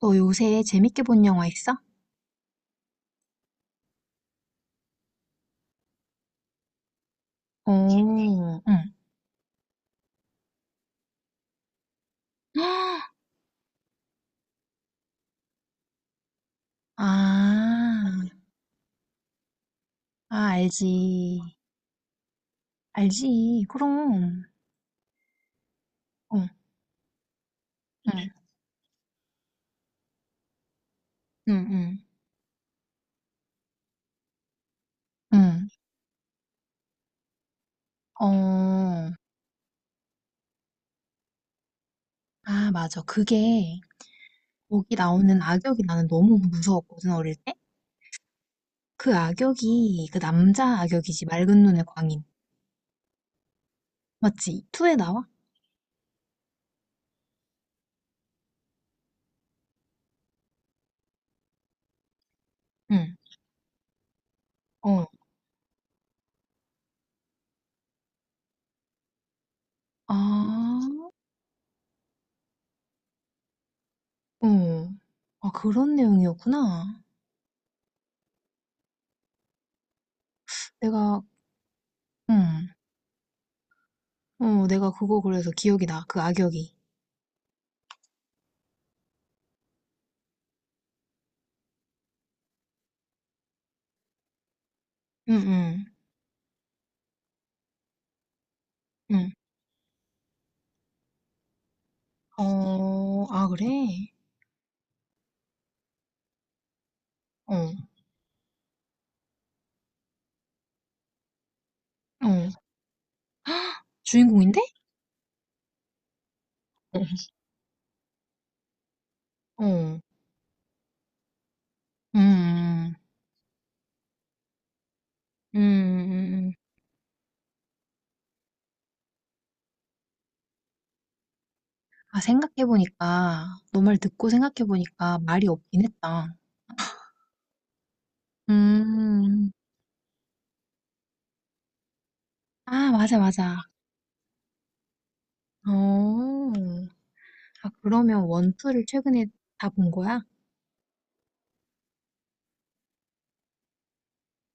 너 요새 재밌게 본 영화 있어? 오, 응. 아, 아, 알지. 알지. 그럼. 어, 응, 응, 응, 응. 어, 아, 맞아. 그게, 거기 나오는 악역이 나는 너무 무서웠거든, 어릴 때? 그 악역이, 그 남자 악역이지. 맑은 눈의 광인. 맞지? 투에 나와? 응. 어, 아, 어. 아, 그런 내용이었구나. 내가, 응. 어, 내가 그거 그래서 기억이 나. 그 악역이. 응, 응, 응. 어, 아, 그래? 어, 어. 헉, 주인공인데? 어, 어. 음, 음, 음. 아, 생각해보니까, 너 말 듣고 생각해보니까 말이 없긴 했다. 음, 아, 맞아, 맞아. 어, 아, 그러면 원, 투를 최근에 다 본 거야?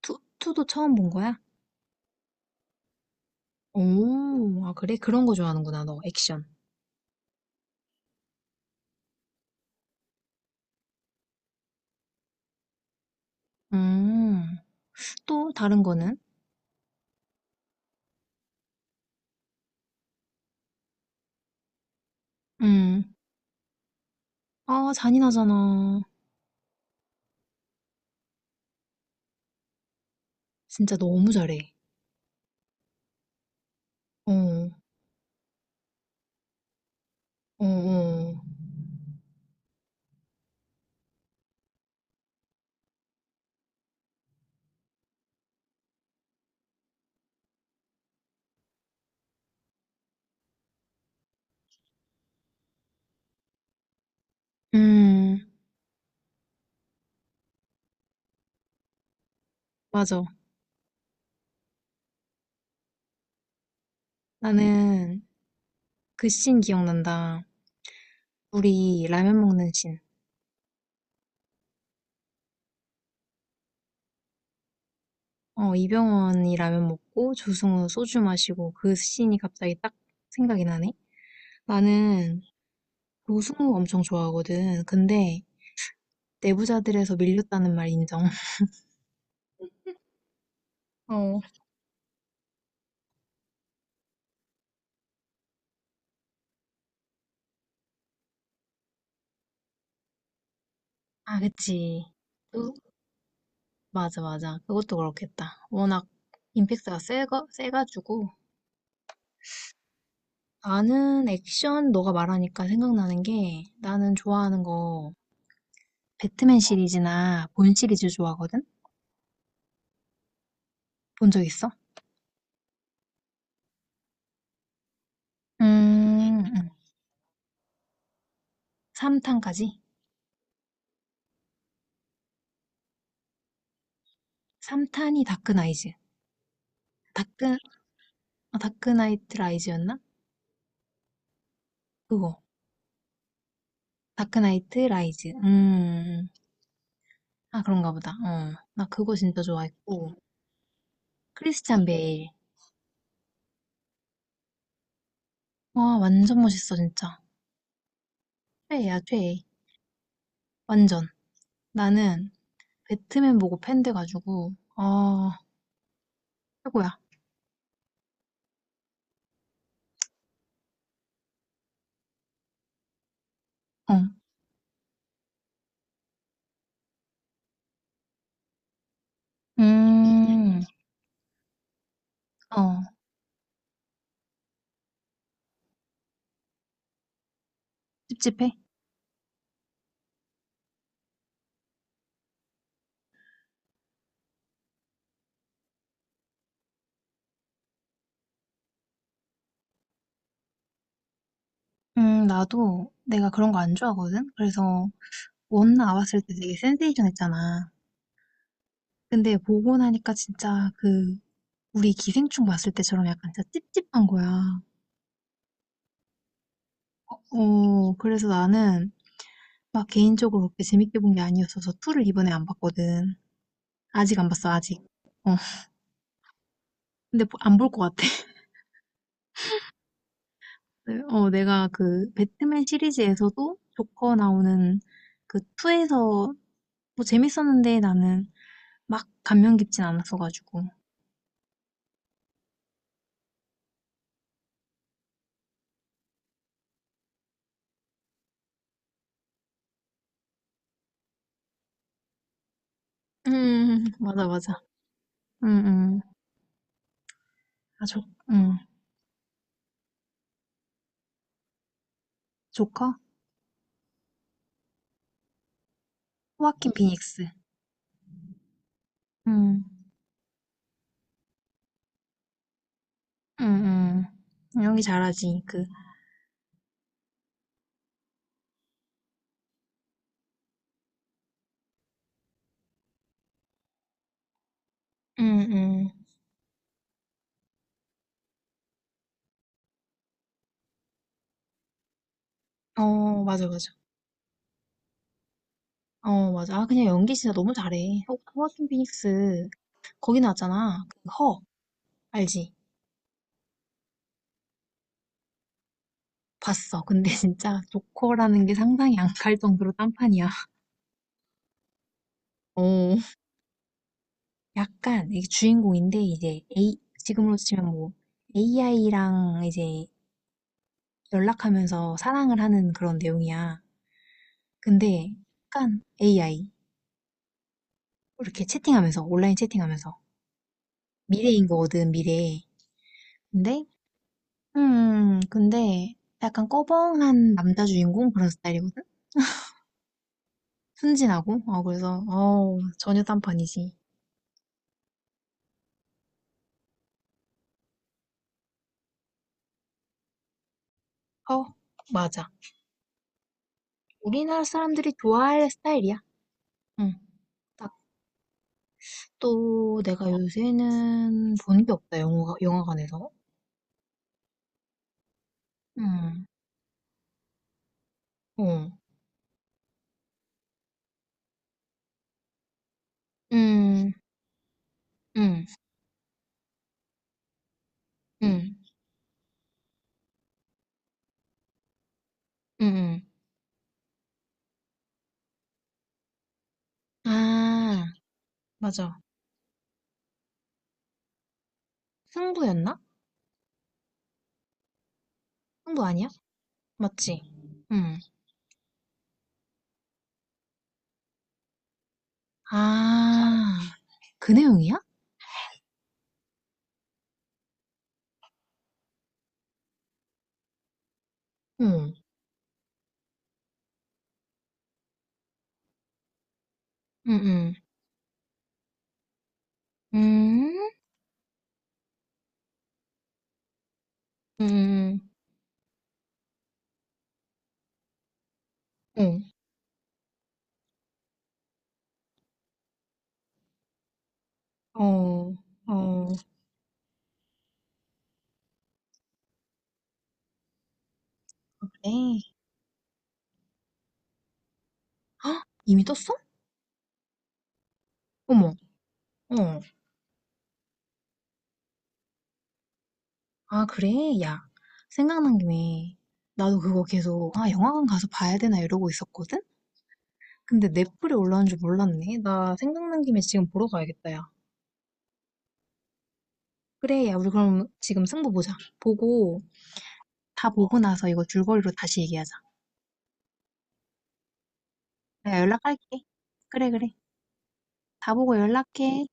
투도 처음 본 거야? 오, 아, 그래? 그런 거 좋아하는구나, 너, 액션. 음. 또 다른 거는? 음. 아, 잔인하잖아. 진짜 너무 잘해. 어, 어, 어. 음, 맞아. 나는 그 씬 기억난다. 우리 라면 먹는 씬. 어, 이병헌이 라면 먹고 조승우 소주 마시고 그 씬이 갑자기 딱 생각이 나네. 나는 조승우 엄청 좋아하거든. 근데 내부자들에서 밀렸다는 말 인정. 어. 아, 그치. 맞아, 맞아. 그것도 그렇겠다. 워낙 임팩트가 세가지고. 나는 액션, 너가 말하니까 생각나는 게 나는 좋아하는 거 배트맨 시리즈나 본 시리즈 좋아하거든? 본 적 있어? 음, 3탄까지? 3탄이 다크나이즈. 다크, 아, 다크나이트 라이즈였나? 그거. 다크나이트 라이즈. 아, 그런가 보다. 어. 나 그거 진짜 좋아했고. 크리스찬 베일. 와, 완전 멋있어, 진짜. 최애야, 최애. 완전. 나는 배트맨 보고 팬 돼가지고 아 최고야. 어, 음, 어, 찝찝해. 나도 내가 그런 거 안 좋아하거든. 그래서 원 나왔을 때 되게 센세이션했잖아. 근데 보고 나니까 진짜 그 우리 기생충 봤을 때처럼 약간 진짜 찝찝한 거야. 어, 어, 그래서 나는 막 개인적으로 그렇게 재밌게 본 게 아니었어서 2를 이번에 안 봤거든. 아직 안 봤어, 아직. 어, 근데 안 볼 것 같아. 네, 어, 내가 그 배트맨 시리즈에서도 조커 나오는 그 2에서 뭐 재밌었는데 나는 막 감명 깊진 않았어가지고. 맞아, 맞아. 응, 응. 아, 조, 응. 조커? 호아킨 피닉스. 응, 응, 응. 연기 잘하지, 그. 응응 어, 맞아, 맞아. 어, 맞아. 아, 그냥 연기 진짜 너무 잘해. 호아킨 피닉스, 거기 나왔잖아. 알지? 봤어. 근데 진짜 조커라는 게 상상이 안 갈 정도로 딴판이야. 어, 약간 이게 주인공인데 이제 A 지금으로 치면 뭐 AI랑 이제 연락하면서 사랑을 하는 그런 내용이야. 근데 약간 AI 이렇게 채팅하면서 온라인 채팅하면서 미래인 거거든 미래. 근데 근데 약간 꺼벙한 남자 주인공 그런 스타일이거든. 순진하고 어 그래서 어 전혀 딴판이지. 어 맞아. 우리나라 사람들이 좋아할 스타일이야. 응. 딱또 내가 요새는 본 게 없다, 영화관에서. 응. 어. 응, 응, 응, 응, 응. 아, 맞아. 승부였나? 승부 아니야? 맞지? 응. 아, 그 내용이야? 응, 응, 응. 음, 응, 응, 응. 어, 어, 그래. 헉, 이미 떴어? 어머, 어. 아, 그래? 야, 생각난 김에 나도 그거 계속 아, 영화관 가서 봐야 되나 이러고 있었거든? 근데 넷플에 올라온 줄 몰랐네. 나 생각난 김에 지금 보러 가야겠다, 야. 그래, 야, 우리 그럼 지금 승부 보자. 보고, 다 보고 나서 이거 줄거리로 다시 얘기하자. 내가 연락할게. 그래, 그래. 다 보고 연락해.